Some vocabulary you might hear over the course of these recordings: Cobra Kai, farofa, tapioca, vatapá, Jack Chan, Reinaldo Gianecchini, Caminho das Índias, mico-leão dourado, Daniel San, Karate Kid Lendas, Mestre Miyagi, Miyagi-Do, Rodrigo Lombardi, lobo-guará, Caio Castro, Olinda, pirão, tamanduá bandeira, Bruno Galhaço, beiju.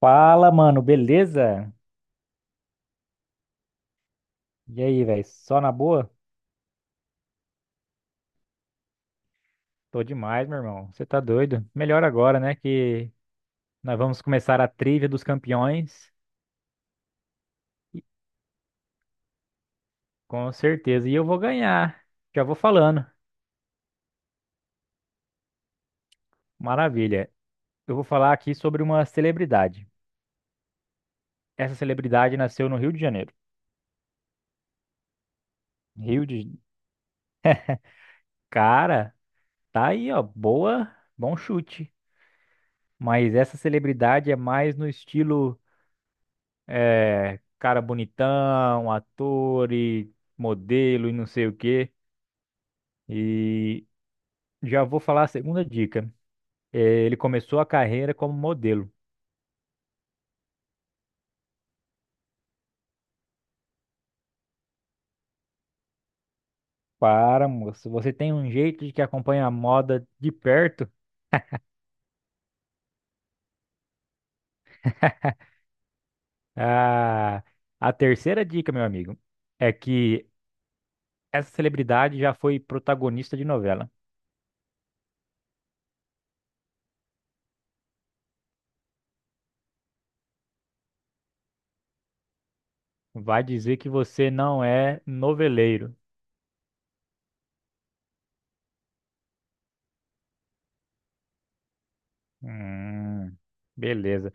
Fala, mano, beleza? E aí, velho? Só na boa? Tô demais, meu irmão. Você tá doido? Melhor agora, né? Que nós vamos começar a trivia dos campeões. E- Com certeza. E eu vou ganhar. Já vou falando. Maravilha. Eu vou falar aqui sobre uma celebridade. Essa celebridade nasceu no Rio de Janeiro. Rio de. Cara, tá aí, ó. Boa. Bom chute. Mas essa celebridade é mais no estilo. É, cara bonitão, ator e modelo e não sei o quê. E já vou falar a segunda dica. É, ele começou a carreira como modelo. Para, moço, você tem um jeito de que acompanha a moda de perto. Ah, a terceira dica, meu amigo, é que essa celebridade já foi protagonista de novela. Vai dizer que você não é noveleiro. Hum, beleza.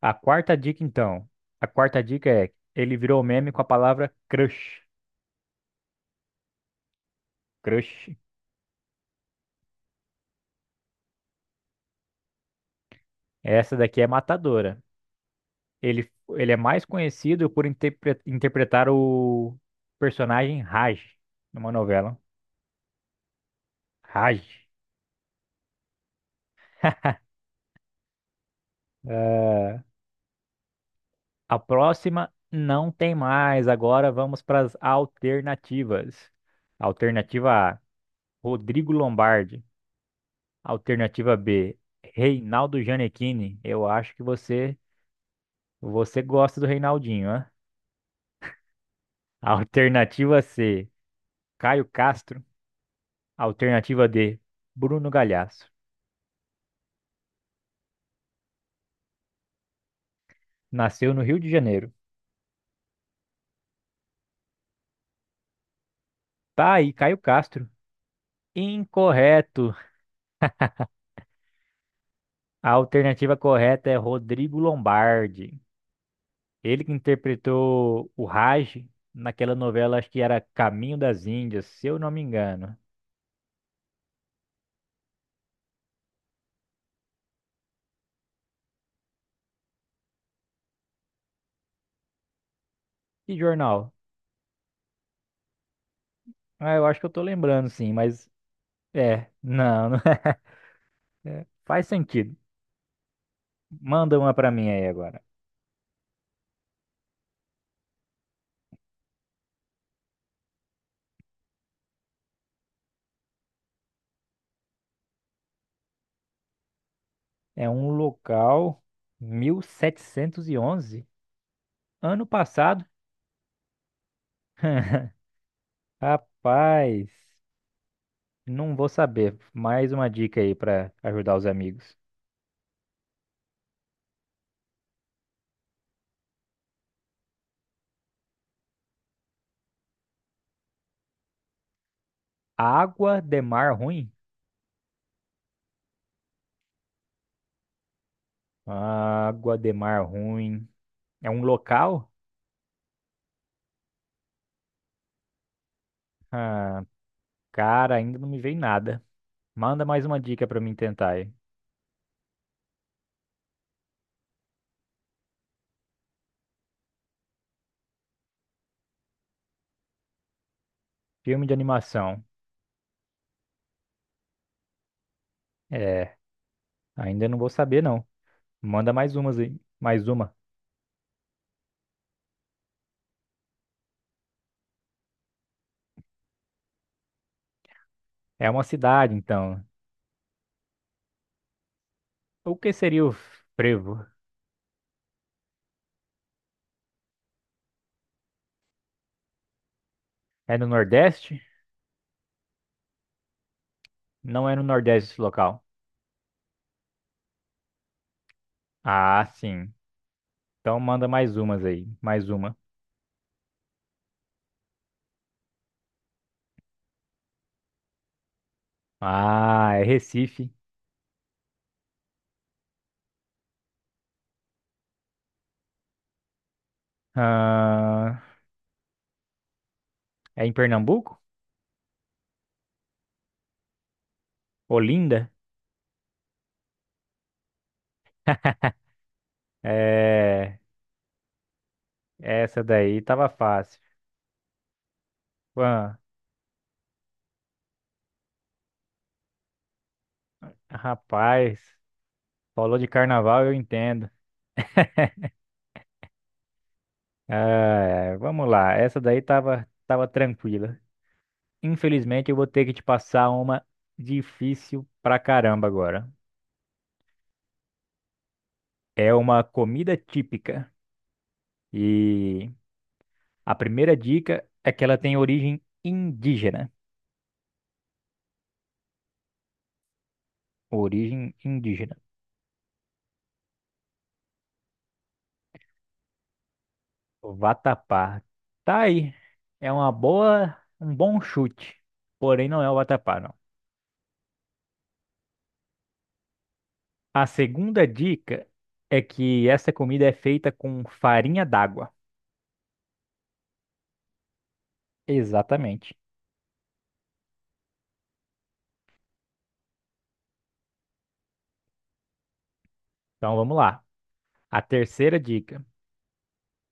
A quarta dica, então. A quarta dica é: ele virou meme com a palavra crush. Crush. Essa daqui é matadora. Ele é mais conhecido por interpretar o personagem Raj numa novela. Raj. É, a próxima não tem mais. Agora vamos para as alternativas. Alternativa A: Rodrigo Lombardi. Alternativa B: Reinaldo Gianecchini. Eu acho que você Você gosta do Reinaldinho, né? Alternativa C, Caio Castro. Alternativa D, Bruno Galhaço. Nasceu no Rio de Janeiro. Tá aí, Caio Castro. Incorreto. A alternativa correta é Rodrigo Lombardi. Ele que interpretou o Raj naquela novela, acho que era Caminho das Índias, se eu não me engano. Que jornal? Ah, eu acho que eu tô lembrando sim, mas é, não, não é. Faz sentido. Manda uma pra mim aí agora. É um local 1711 ano passado. Rapaz, não vou saber. Mais uma dica aí para ajudar os amigos. Água de mar ruim? Água de mar ruim. É um local? Ah, cara, ainda não me veio nada. Manda mais uma dica para mim tentar aí. Filme de animação. É, ainda não vou saber não. Manda mais umas aí. Mais uma. É uma cidade, então. O que seria o frevo? É no Nordeste? Não é no Nordeste esse local. Ah, sim. Então manda mais umas aí. Mais uma. Ah, é Recife. Ah, é em Pernambuco? Olinda? É. Essa daí tava fácil. Ah, rapaz, falou de carnaval, eu entendo. Ah, é, vamos lá. Essa daí tava tranquila. Infelizmente, eu vou ter que te passar uma difícil pra caramba agora. É uma comida típica. E a primeira dica é que ela tem origem indígena. Origem indígena. Vatapá. Tá aí. É uma boa, um bom chute. Porém, não é o vatapá, não. A segunda dica é que essa comida é feita com farinha d'água. Exatamente. Então vamos lá. A terceira dica.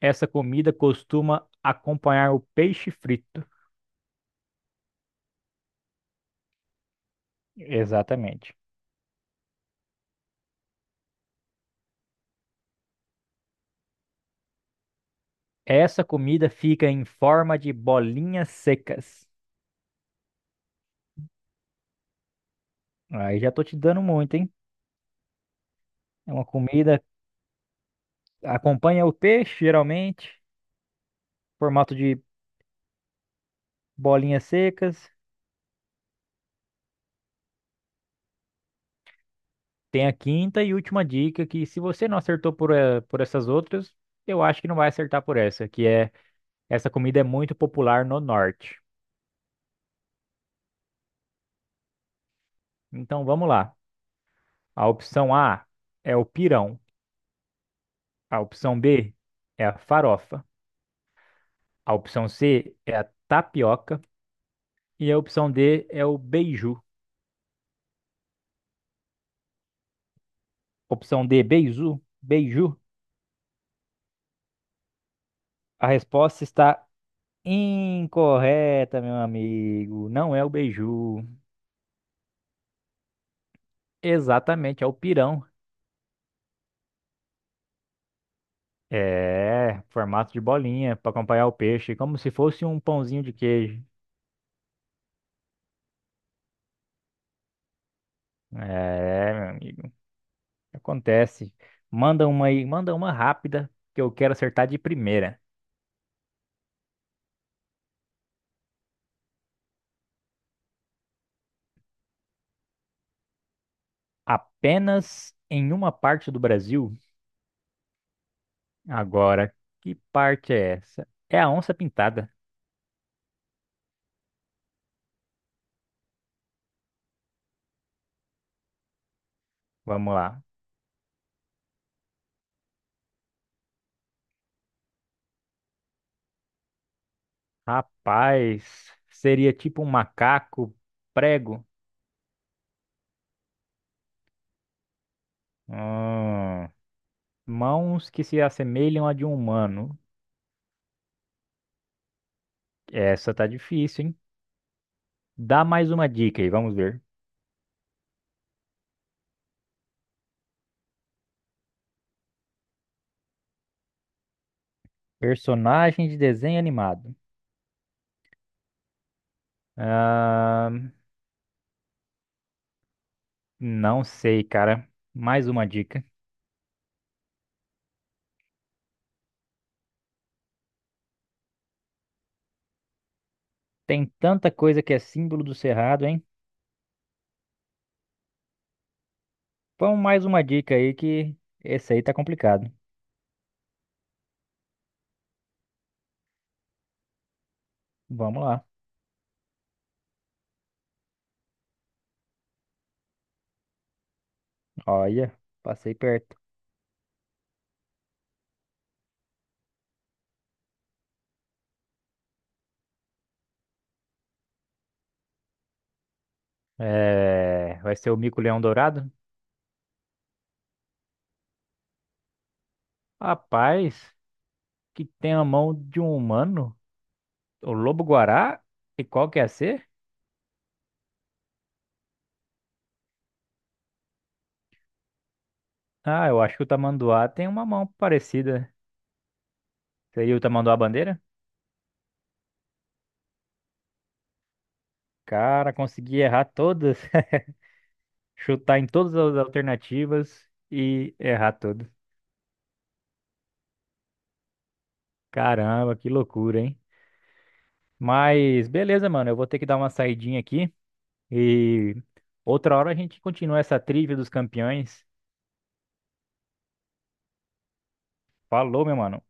Essa comida costuma acompanhar o peixe frito. Exatamente. Essa comida fica em forma de bolinhas secas. Aí já tô te dando muito, hein? É uma comida, acompanha o peixe, geralmente, formato de bolinhas secas. Tem a quinta e última dica, que se você não acertou por essas outras, eu acho que não vai acertar por essa, que é, essa comida é muito popular no norte. Então vamos lá. A opção A é o pirão. A opção B é a farofa. A opção C é a tapioca. E a opção D é o beiju. Opção D, beiju? Beiju? A resposta está Incorreta, meu amigo. Não é o beiju. Exatamente, é o pirão. É, formato de bolinha para acompanhar o peixe, como se fosse um pãozinho de queijo. É, meu amigo. Acontece. Manda uma aí, manda uma rápida que eu quero acertar de primeira. Apenas em uma parte do Brasil. Agora, que parte é essa? É a onça pintada. Vamos lá. Rapaz, seria tipo um macaco prego. Hum. Mãos que se assemelham à de um humano. Essa tá difícil, hein? Dá mais uma dica aí, vamos ver. Personagem de desenho animado. Ah, não sei, cara. Mais uma dica. Tem tanta coisa que é símbolo do cerrado, hein? Vamos mais uma dica aí que esse aí tá complicado. Vamos lá. Olha, passei perto. É, vai ser o mico-leão dourado? Rapaz, que tem a mão de um humano? O lobo-guará? E qual que é a C? Ah, eu acho que o tamanduá tem uma mão parecida. Seria o tamanduá bandeira? Cara, consegui errar todas. Chutar em todas as alternativas e errar todas. Caramba, que loucura, hein? Mas beleza, mano. Eu vou ter que dar uma saidinha aqui e outra hora a gente continua essa trilha dos campeões. Falou, meu mano.